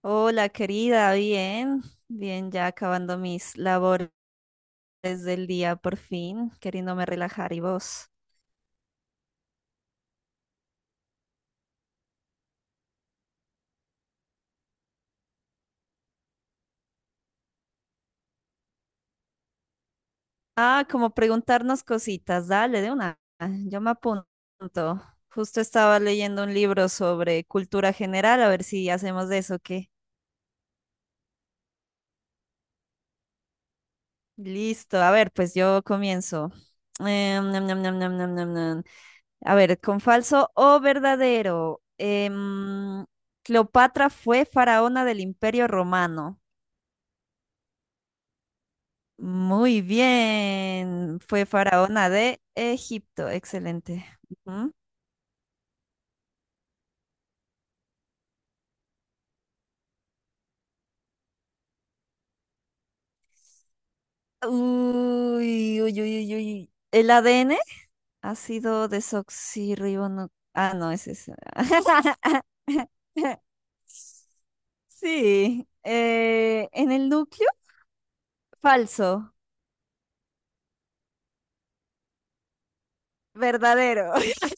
Hola, querida, bien, bien, ya acabando mis labores del día por fin, queriéndome relajar y vos. Ah, como preguntarnos cositas, dale, de una, yo me apunto. Justo estaba leyendo un libro sobre cultura general, a ver si hacemos de eso, ¿qué? Listo, a ver, pues yo comienzo. Nam, nam, nam, nam, nam, nam, nam. A ver, con falso o verdadero. Cleopatra fue faraona del Imperio Romano. Muy bien. Fue faraona de Egipto. Excelente. Ujú. Uy, uy, uy, uy, uy. ¿El ADN? Ácido desoxirribonucleico. Ah, no, es ese. Sí. ¿En el núcleo? Falso. Verdadero.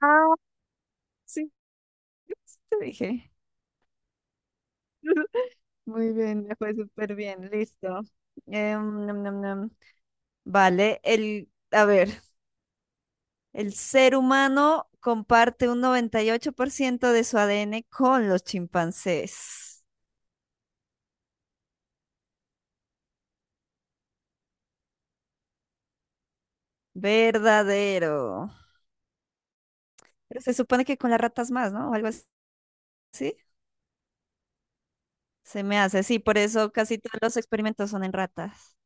Ah, sí, te dije. Muy bien, me fue súper bien, listo. Nam, nam, nam. Vale, a ver, el ser humano comparte un 98% de su ADN con los chimpancés. Verdadero. Pero se supone que con las ratas más, ¿no? O algo así. ¿Sí? Se me hace, sí, por eso casi todos los experimentos son en ratas.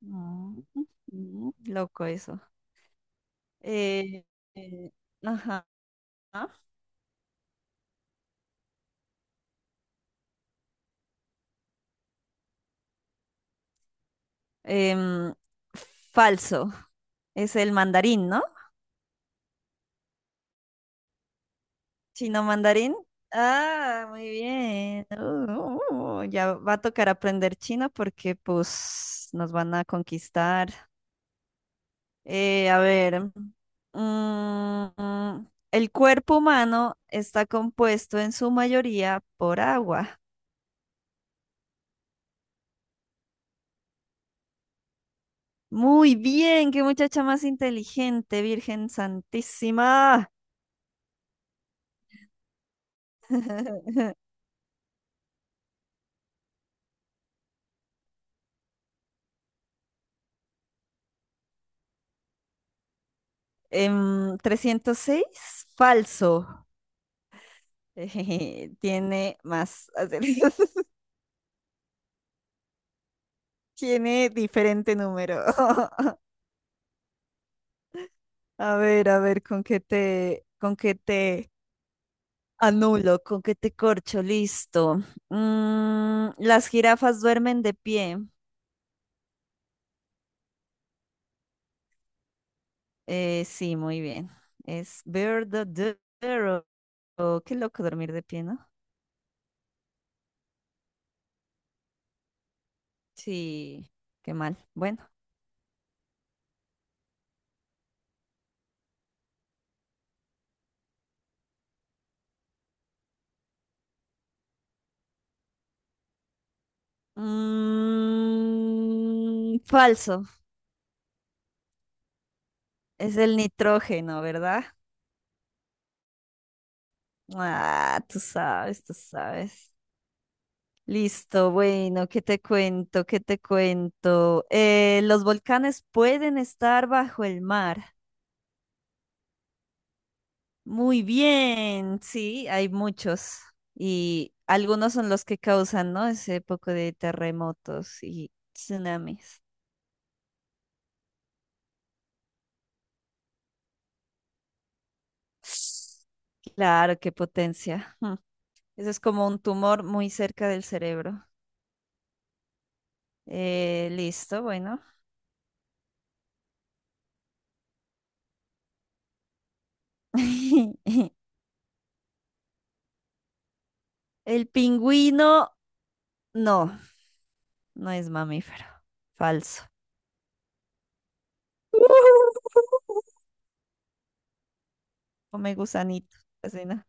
Mm, Loco eso. Eh, eh, ajá. Em, Falso. Es el mandarín, ¿no? ¿Chino mandarín? Ah, muy bien. Ya va a tocar aprender chino porque pues nos van a conquistar. A ver, el cuerpo humano está compuesto en su mayoría por agua. Muy bien, qué muchacha más inteligente, Virgen Santísima. 306, falso. Tiene más acertijos. Tiene diferente número. A ver, con qué te anulo, con qué te corcho, listo. Las jirafas duermen de pie. Sí, muy bien. Es verdadero. Qué loco dormir de pie, ¿no? Sí, qué mal. Bueno. Falso. Es el nitrógeno, ¿verdad? Ah, tú sabes, tú sabes. Listo, bueno, ¿qué te cuento? ¿Qué te cuento? Los volcanes pueden estar bajo el mar. Muy bien, sí, hay muchos. Y algunos son los que causan, ¿no? Ese poco de terremotos y tsunamis. Claro, qué potencia. Eso es como un tumor muy cerca del cerebro. Listo, bueno. El pingüino, no, no es mamífero. Falso. Come gusanito. Casi no.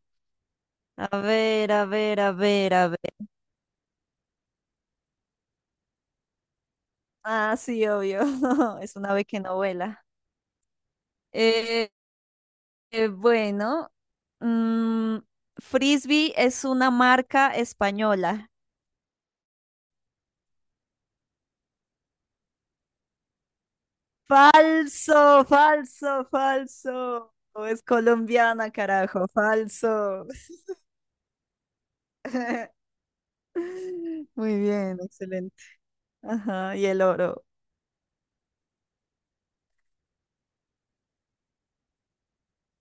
A ver, a ver, a ver, a ver. Ah, sí, obvio. Es una ave que no vuela. Eh, bueno, mm, Frisbee es una marca española. Falso, falso, falso. Es colombiana, carajo, falso. Muy bien, excelente. Ajá, y el oro.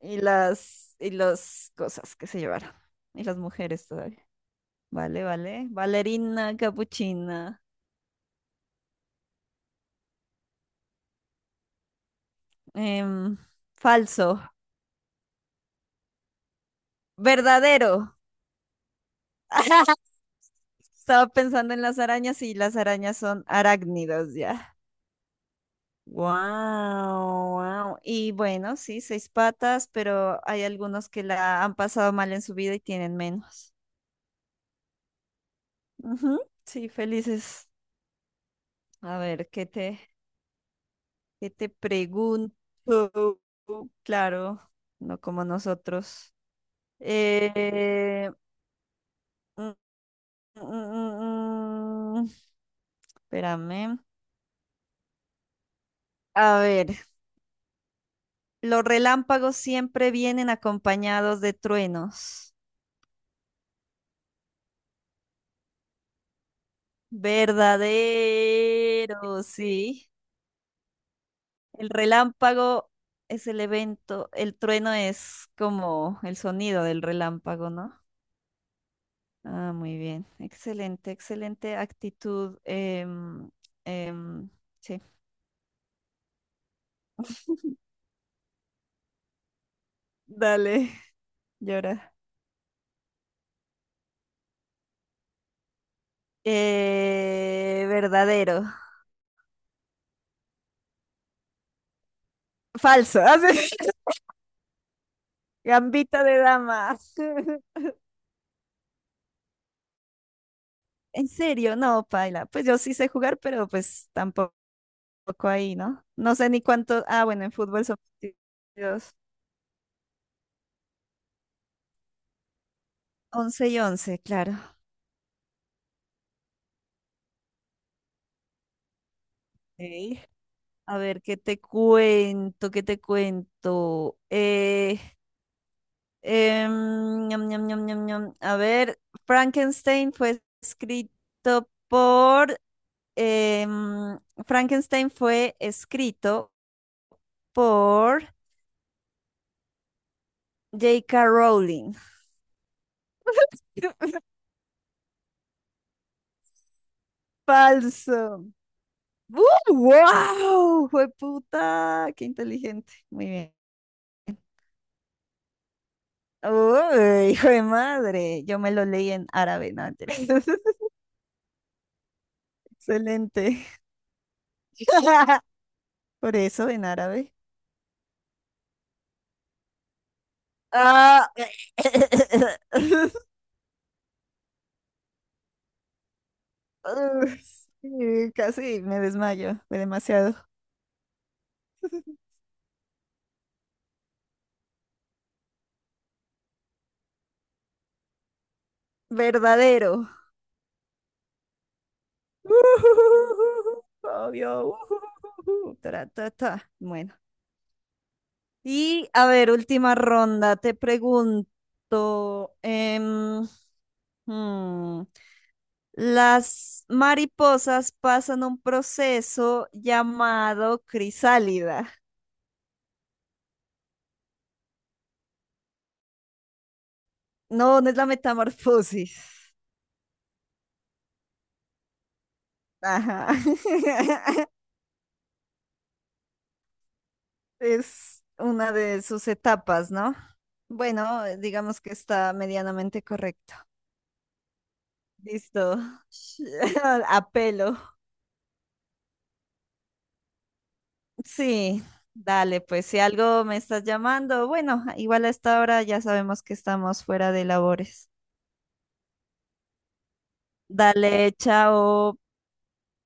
Y y las cosas que se llevaron. Y las mujeres todavía. Vale, vale. Valerina, capuchina. em, Falso. Verdadero. Estaba pensando en las arañas y las arañas son arácnidos ya. Wow, wow. Y bueno, sí, seis patas, pero hay algunos que la han pasado mal en su vida y tienen menos. Ujú. Sí, felices. A ver, ¿qué te pregunto? Claro, no como nosotros. Eh, Mm, Espérame. A ver, los relámpagos siempre vienen acompañados de truenos. Verdadero, sí. El relámpago es el evento, el trueno es como el sonido del relámpago, ¿no? Ah, muy bien. Excelente, excelente actitud. Em, sí. Dale, llora. Verdadero. Falso. Gambito de dama. En serio, no, paila. Pues yo sí sé jugar, pero pues tampoco ahí, ¿no? No sé ni cuánto. Ah, bueno, en fútbol son partidos 11 y once, claro. Ok. A ver, ¿qué te cuento? ¿Qué te cuento? Ñam, ñam, ñam, ñam, ñam. A ver, Frankenstein fue escrito por... em, Frankenstein fue escrito por J. K. Rowling. Falso. ¡Wow! ¡Fue puta! ¡Qué inteligente! Muy bien. ¡Uy, hijo de madre! Yo me lo leí en árabe, ¿no? Mentira. Excelente. Por eso, en árabe. Ah. Uf, sí, casi me desmayo. Fue demasiado. Verdadero. Obvio. Tra, ta, ta. Bueno. Y a ver, última ronda, te pregunto, hmm, las mariposas pasan un proceso llamado crisálida. No, no es la metamorfosis. Ajá. Es una de sus etapas, ¿no? Bueno, digamos que está medianamente correcto. Listo. Apelo. Sí, dale, pues si algo me estás llamando, bueno, igual a esta hora ya sabemos que estamos fuera de labores. Dale, chao.